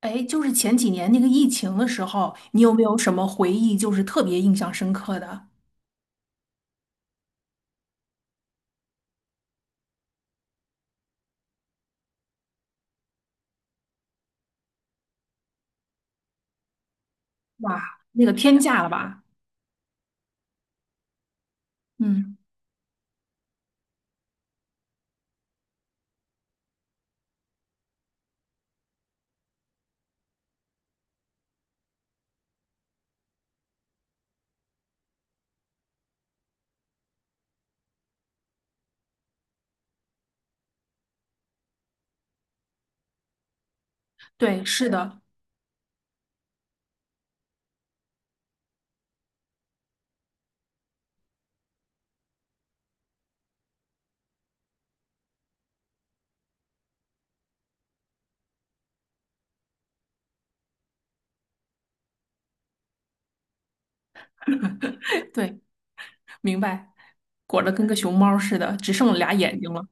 哎，就是前几年那个疫情的时候，你有没有什么回忆，就是特别印象深刻的？哇，那个天价了吧？嗯，对，是的。对，明白，裹得跟个熊猫似的，只剩俩眼睛了。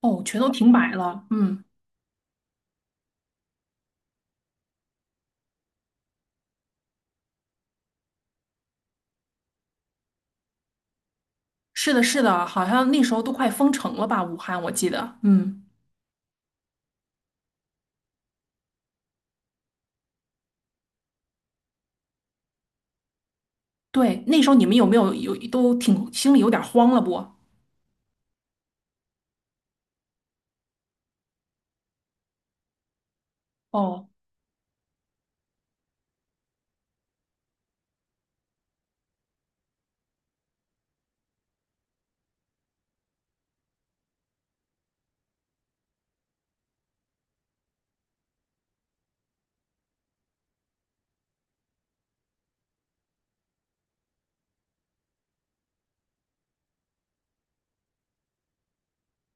哦，全都停摆了。嗯，是的，是的，好像那时候都快封城了吧？武汉，我记得。嗯，对，那时候你们有没有都挺心里有点慌了不？哦。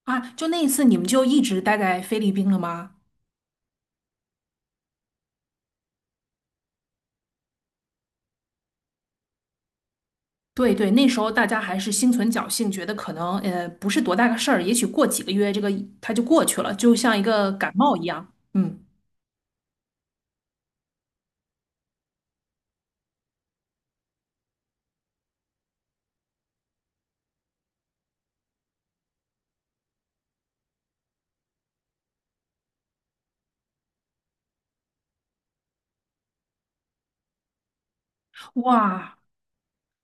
啊，就那一次你们就一直待在菲律宾了吗？对对，那时候大家还是心存侥幸，觉得可能不是多大个事儿，也许过几个月这个它就过去了，就像一个感冒一样。嗯，哇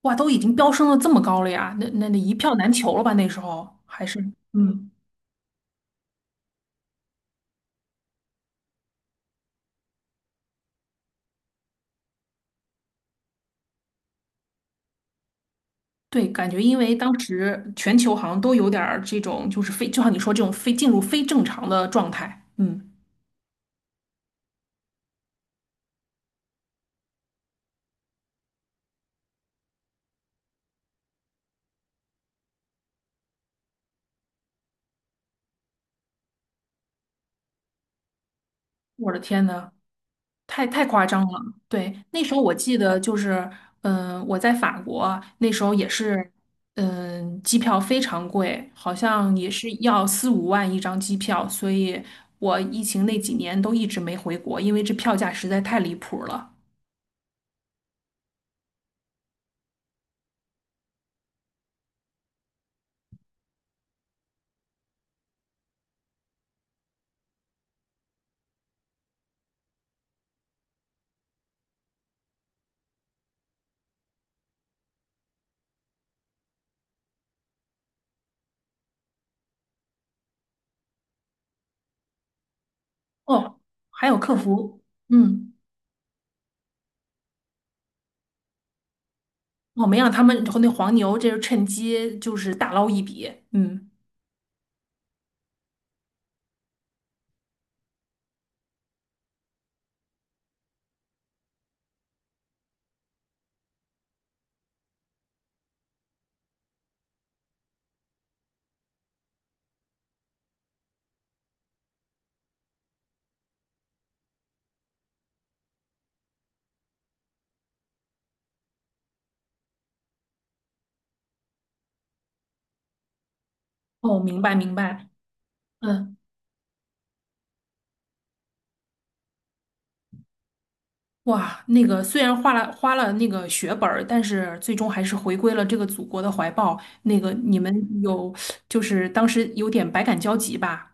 哇，都已经飙升了这么高了呀，那一票难求了吧？那时候还是嗯，对，感觉因为当时全球好像都有点儿这种，就是非就像你说这种非进入非正常的状态。嗯，我的天呐，太夸张了。对，那时候我记得就是，我在法国那时候也是，机票非常贵，好像也是要4、5万一张机票，所以我疫情那几年都一直没回国，因为这票价实在太离谱了。哦，还有客服。嗯，我没让他们和那黄牛，这是趁机就是大捞一笔。嗯，哦，明白明白。嗯。哇，那个虽然花了那个血本儿，但是最终还是回归了这个祖国的怀抱。那个你们有，就是当时有点百感交集吧？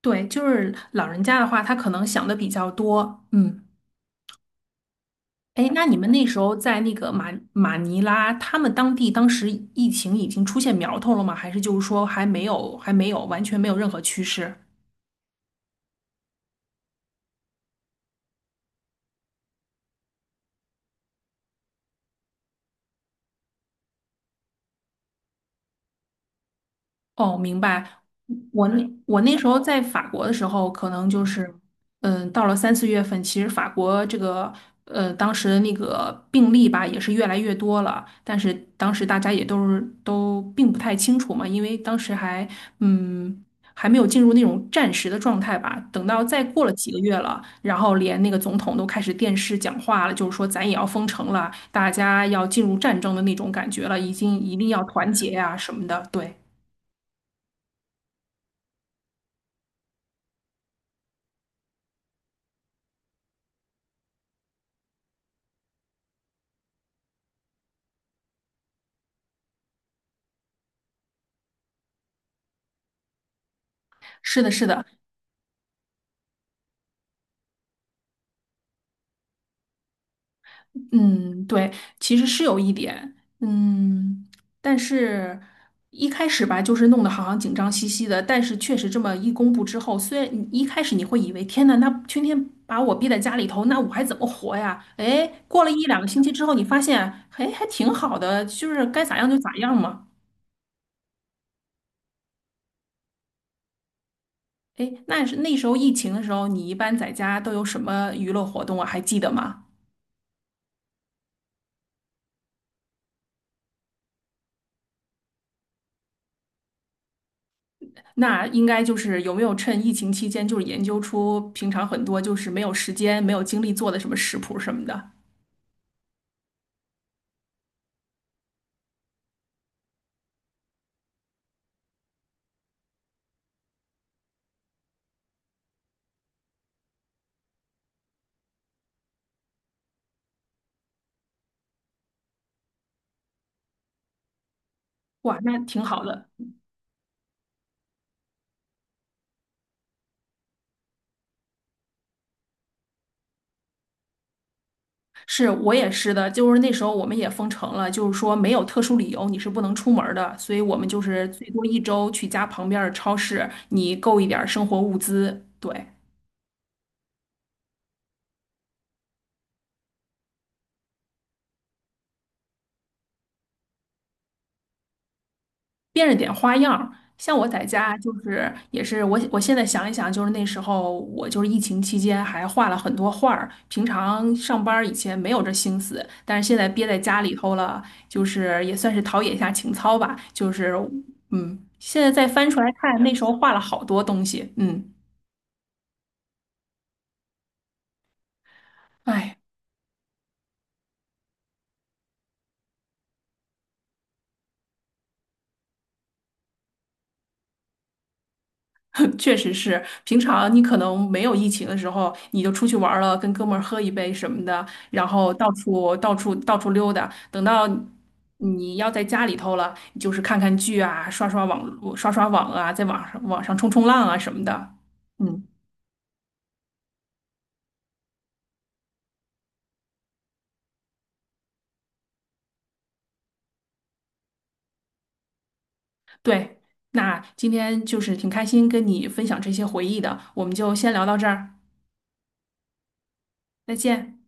对，就是老人家的话，他可能想的比较多。嗯，哎，那你们那时候在那个马尼拉，他们当地当时疫情已经出现苗头了吗？还是就是说还没有，还没有，完全没有任何趋势？哦，明白。我那时候在法国的时候，可能就是，嗯，到了3、4月份，其实法国这个，当时的那个病例吧，也是越来越多了。但是当时大家也都并不太清楚嘛，因为当时还，嗯，还没有进入那种战时的状态吧。等到再过了几个月了，然后连那个总统都开始电视讲话了，就是说咱也要封城了，大家要进入战争的那种感觉了，已经一定要团结呀、什么的。对，是的，是的。嗯，对，其实是有一点，嗯，但是一开始吧，就是弄得好像紧张兮兮的，但是确实这么一公布之后，虽然你一开始你会以为天呐，那天天把我逼在家里头，那我还怎么活呀？哎，过了一两个星期之后，你发现，哎，还挺好的，就是该咋样就咋样嘛。哎，那是那时候疫情的时候，你一般在家都有什么娱乐活动啊？还记得吗？那应该就是有没有趁疫情期间，就是研究出平常很多就是没有时间、没有精力做的什么食谱什么的。哇，那挺好的。是我也是的，就是那时候我们也封城了，就是说没有特殊理由你是不能出门儿的，所以我们就是最多一周去家旁边儿的超市，你购一点儿生活物资。对。变着点花样儿。像我在家就是也是我现在想一想，就是那时候我就是疫情期间还画了很多画儿，平常上班儿以前没有这心思，但是现在憋在家里头了，就是也算是陶冶一下情操吧。就是现在再翻出来看，那时候画了好多东西。嗯，哎。确实是，平常你可能没有疫情的时候，你就出去玩儿了，跟哥们儿喝一杯什么的，然后到处溜达。等到你要在家里头了，你就是看看剧啊，刷刷网络刷刷网啊，在网上冲冲浪啊什么的。嗯，对。那今天就是挺开心跟你分享这些回忆的，我们就先聊到这儿，再见。